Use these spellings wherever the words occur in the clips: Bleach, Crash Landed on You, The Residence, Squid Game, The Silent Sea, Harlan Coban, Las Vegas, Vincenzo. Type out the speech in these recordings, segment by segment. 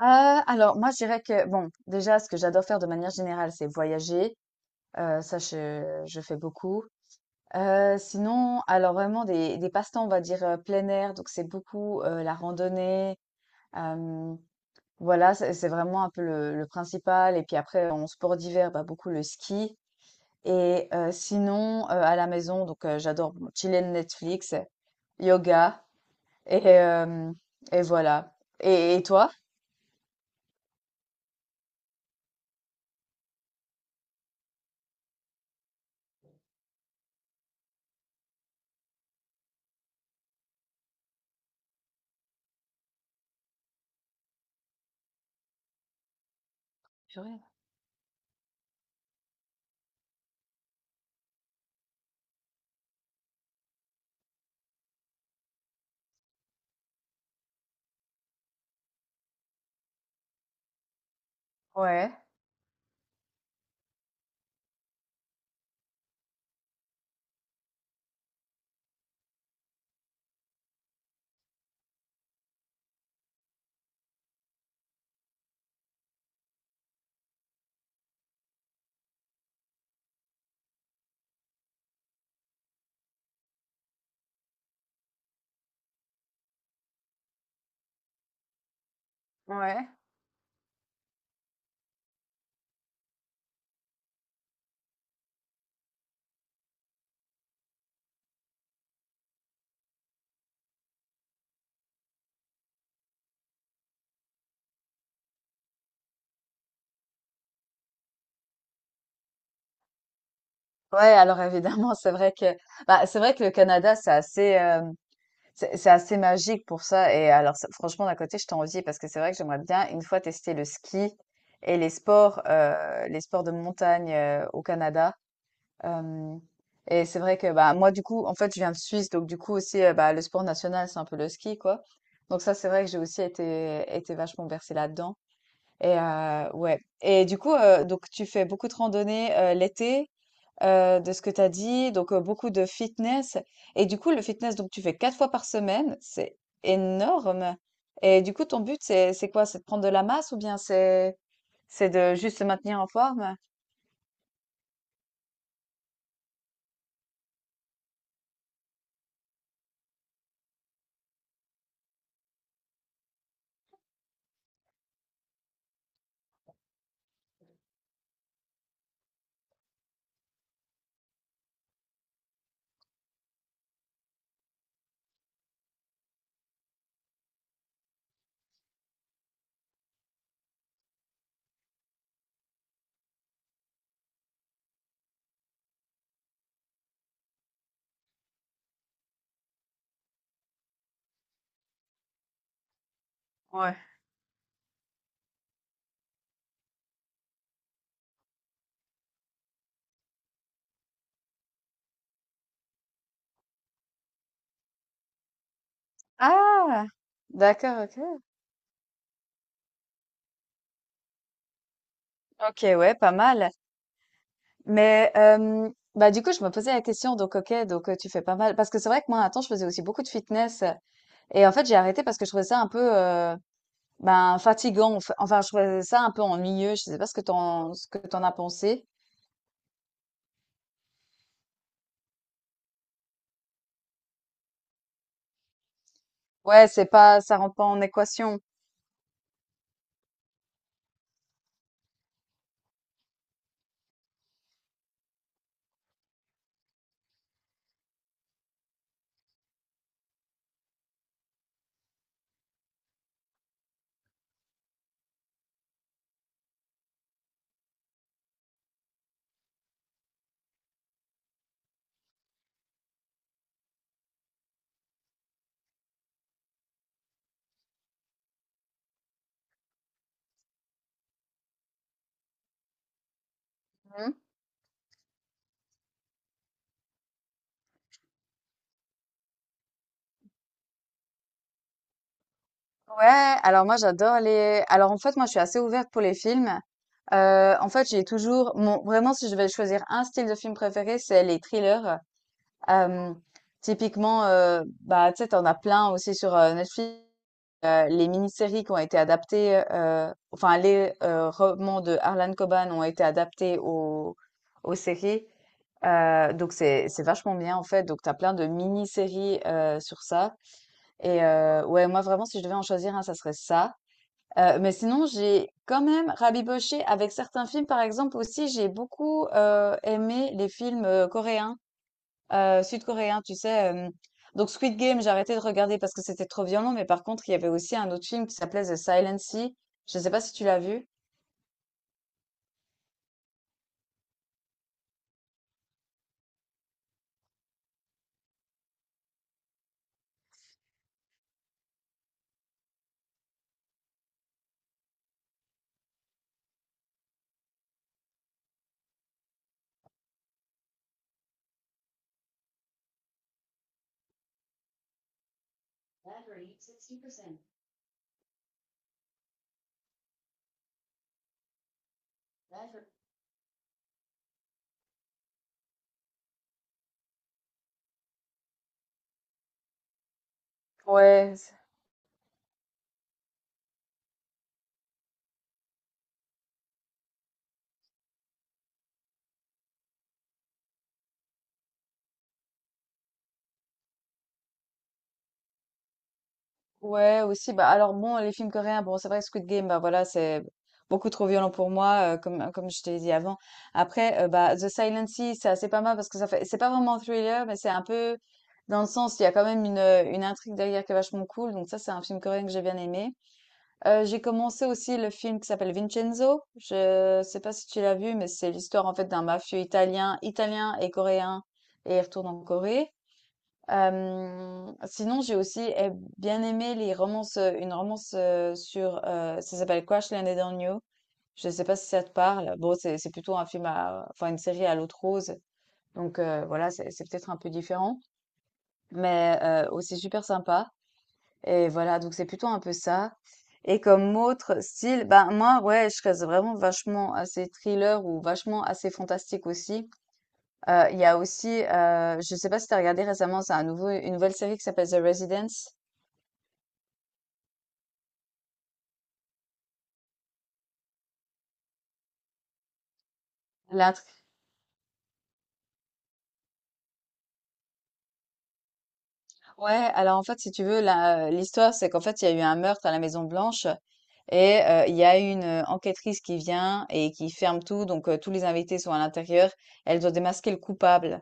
Alors moi je dirais que bon, déjà ce que j'adore faire de manière générale, c'est voyager, ça je fais beaucoup. Sinon, alors vraiment des passe-temps, on va dire, plein air, donc c'est beaucoup, la randonnée, hem, voilà, c'est vraiment un peu le principal et puis après en sport d'hiver, bah, beaucoup le ski et sinon, à la maison, donc j'adore bon chiller Netflix, yoga et hem et voilà et toi? Purée. Ouais, ouais. Ouais, alors évidemment, c'est vrai que bah, c'est vrai que le Canada, c'est assez c'est assez magique pour ça. Et alors, franchement, d'un côté, je t'envie parce que c'est vrai que j'aimerais bien une fois tester le ski et les sports de montagne au Canada. Euh, et c'est vrai que bah moi, du coup, en fait, je viens de Suisse, donc du coup aussi, bah, le sport national, c'est un peu le ski, quoi. Donc ça, c'est vrai que j'ai aussi été vachement bercée là-dedans. Et ouais. Et du coup, donc tu fais beaucoup de randonnées l'été, de ce que tu as dit, donc beaucoup de fitness. Et du coup, le fitness, donc tu fais 4 fois par semaine, c'est énorme. Et du coup, ton but, c'est quoi? C'est de prendre de la masse ou bien c'est de juste se maintenir en forme? Ouais. Ah, d'accord, ok. Ok, ouais, pas mal. Mais bah du coup, je me posais la question, donc ok, donc tu fais pas mal. Parce que c'est vrai que moi, un temps, je faisais aussi beaucoup de fitness. Et en fait, j'ai arrêté parce que je trouvais ça un peu, ben, fatigant, enfin, je trouvais ça un peu ennuyeux. Je sais pas ce que t'en, ce que t'en as pensé. Ouais, c'est pas, ça rentre pas en équation. Mhm. Ouais, alors moi, alors en fait, moi, je suis assez ouverte pour les films. En fait, j'ai toujours, mon, vraiment, si je vais choisir un style de film préféré, c'est les thrillers. Euh, Typiquement, bah, tu sais, t'en as plein aussi sur Netflix. Les mini-séries qui ont été adaptées, enfin, les romans de Harlan Coban ont été adaptés aux séries. Donc c'est vachement bien en fait. Donc t'as plein de mini-séries sur ça. Et ouais, moi vraiment si je devais en choisir un, ça serait ça. Mais sinon j'ai quand même rabiboché avec certains films par exemple aussi. J'ai beaucoup aimé les films coréens, sud-coréen, tu sais. Donc Squid Game, j'ai arrêté de regarder parce que c'était trop violent, mais par contre, il y avait aussi un autre film qui s'appelait The Silent Sea. Je ne sais pas si tu l'as vu. Ouais, c'est- Ouais, aussi. Bah, alors bon, les films coréens, bon, c'est vrai que Squid Game, bah voilà, c'est beaucoup trop violent pour moi, comme je t'ai dit avant. Après, bah, The Silent Sea, c'est assez pas mal parce que ça fait, c'est pas vraiment un thriller, mais c'est un peu dans le sens, il y a quand même une intrigue derrière qui est vachement cool. Donc ça, c'est un film coréen que j'ai bien aimé. J'ai commencé aussi le film qui s'appelle Vincenzo. Je sais pas si tu l'as vu, mais c'est l'histoire en fait d'un mafieux italien, italien et coréen, et il retourne en Corée. Sinon, j'ai aussi bien aimé les romances, une romance sur, ça s'appelle Crash Landed on You. Je sais pas si ça te parle. Bon, c'est plutôt un film à, enfin une série à l'autre rose. Donc voilà, c'est peut-être un peu différent, mais aussi super sympa. Et voilà, donc c'est plutôt un peu ça. Et comme autre style, ben moi, ouais, je reste vraiment vachement assez thriller ou vachement assez fantastique aussi. Il y a aussi, je sais pas si t'as regardé récemment, c'est un nouveau, une nouvelle série qui s'appelle The Residence. Ouais, alors en fait, si tu veux, l'histoire, c'est qu'en fait, il y a eu un meurtre à la Maison Blanche et il y a une enquêtrice qui vient et qui ferme tout. Donc, tous les invités sont à l'intérieur. Elle doit démasquer le coupable.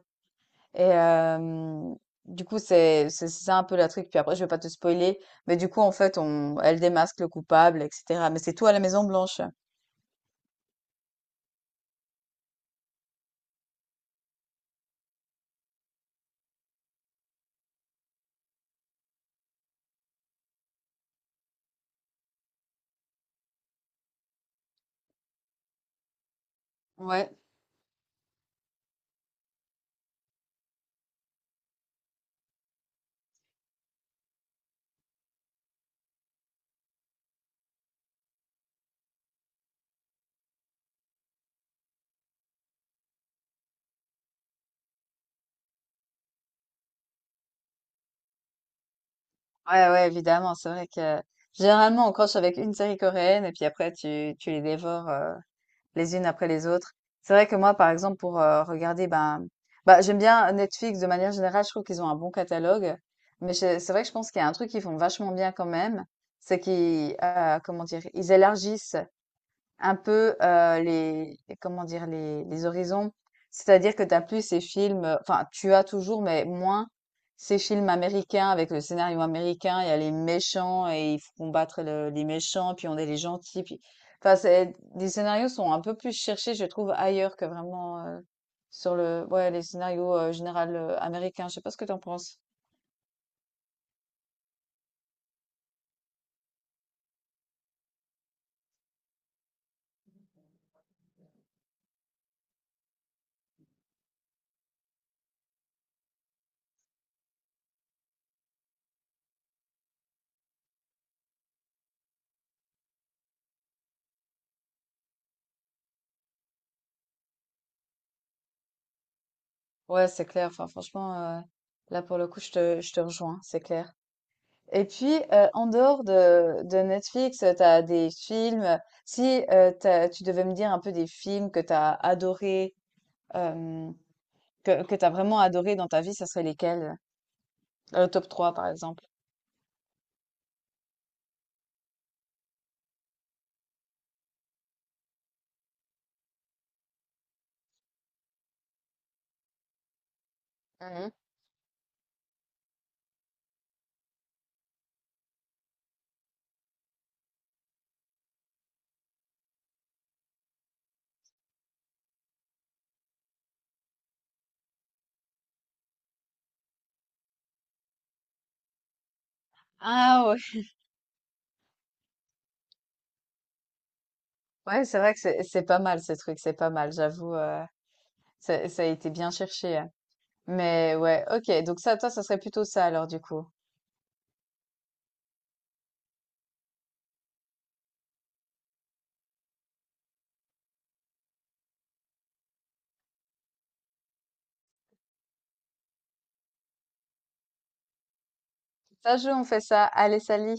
Et du coup, c'est ça un peu la truc. Puis après, je vais pas te spoiler, mais du coup, en fait, on elle démasque le coupable et cetera. Mais c'est tout à la Maison Blanche. Ouais. Ouais, ouais, évidemment. C'est vrai que généralement, on croche avec une série coréenne et puis après tu les dévores, les unes après les autres. C'est vrai que moi, par exemple, pour regarder, ben, bah, j'aime bien Netflix de manière générale. Je trouve qu'ils ont un bon catalogue, mais c'est vrai que je pense qu'il y a un truc qu'ils font vachement bien quand même, c'est qu'ils, comment dire, ils élargissent. Un peu, comment dire? Les horizons. C'est-à-dire que t'as plus ces films, enfin, tu as toujours, mais moins ces films américains avec le scénario américain. Il y a les méchants et il faut combattre le les méchants, puis on est les gentils, puis enfin, c'est les scénarios sont un peu plus cherchés, je trouve, ailleurs que vraiment, sur le ouais, les scénarios, général, américains. Je sais pas ce que t'en penses? Ouais, c'est clair. Enfin, franchement, heu, là, pour le coup, je te rejoins, c'est clair. Et puis, en dehors de Netflix, tu as des films si, tu devais me dire un peu des films que tu as adorés, hem, que tu as vraiment adoré dans ta vie, ça serait lesquels? Le top trois par exemple. Mmh. Ah ouais! Ouais, c'est vrai que c'est pas mal ce truc, c'est pas mal, j'avoue, ça a été bien cherché, hein. Mais ouais, OK, donc ça, toi, ça serait plutôt ça alors du coup. Ça joue, on fait ça. Allez, salut!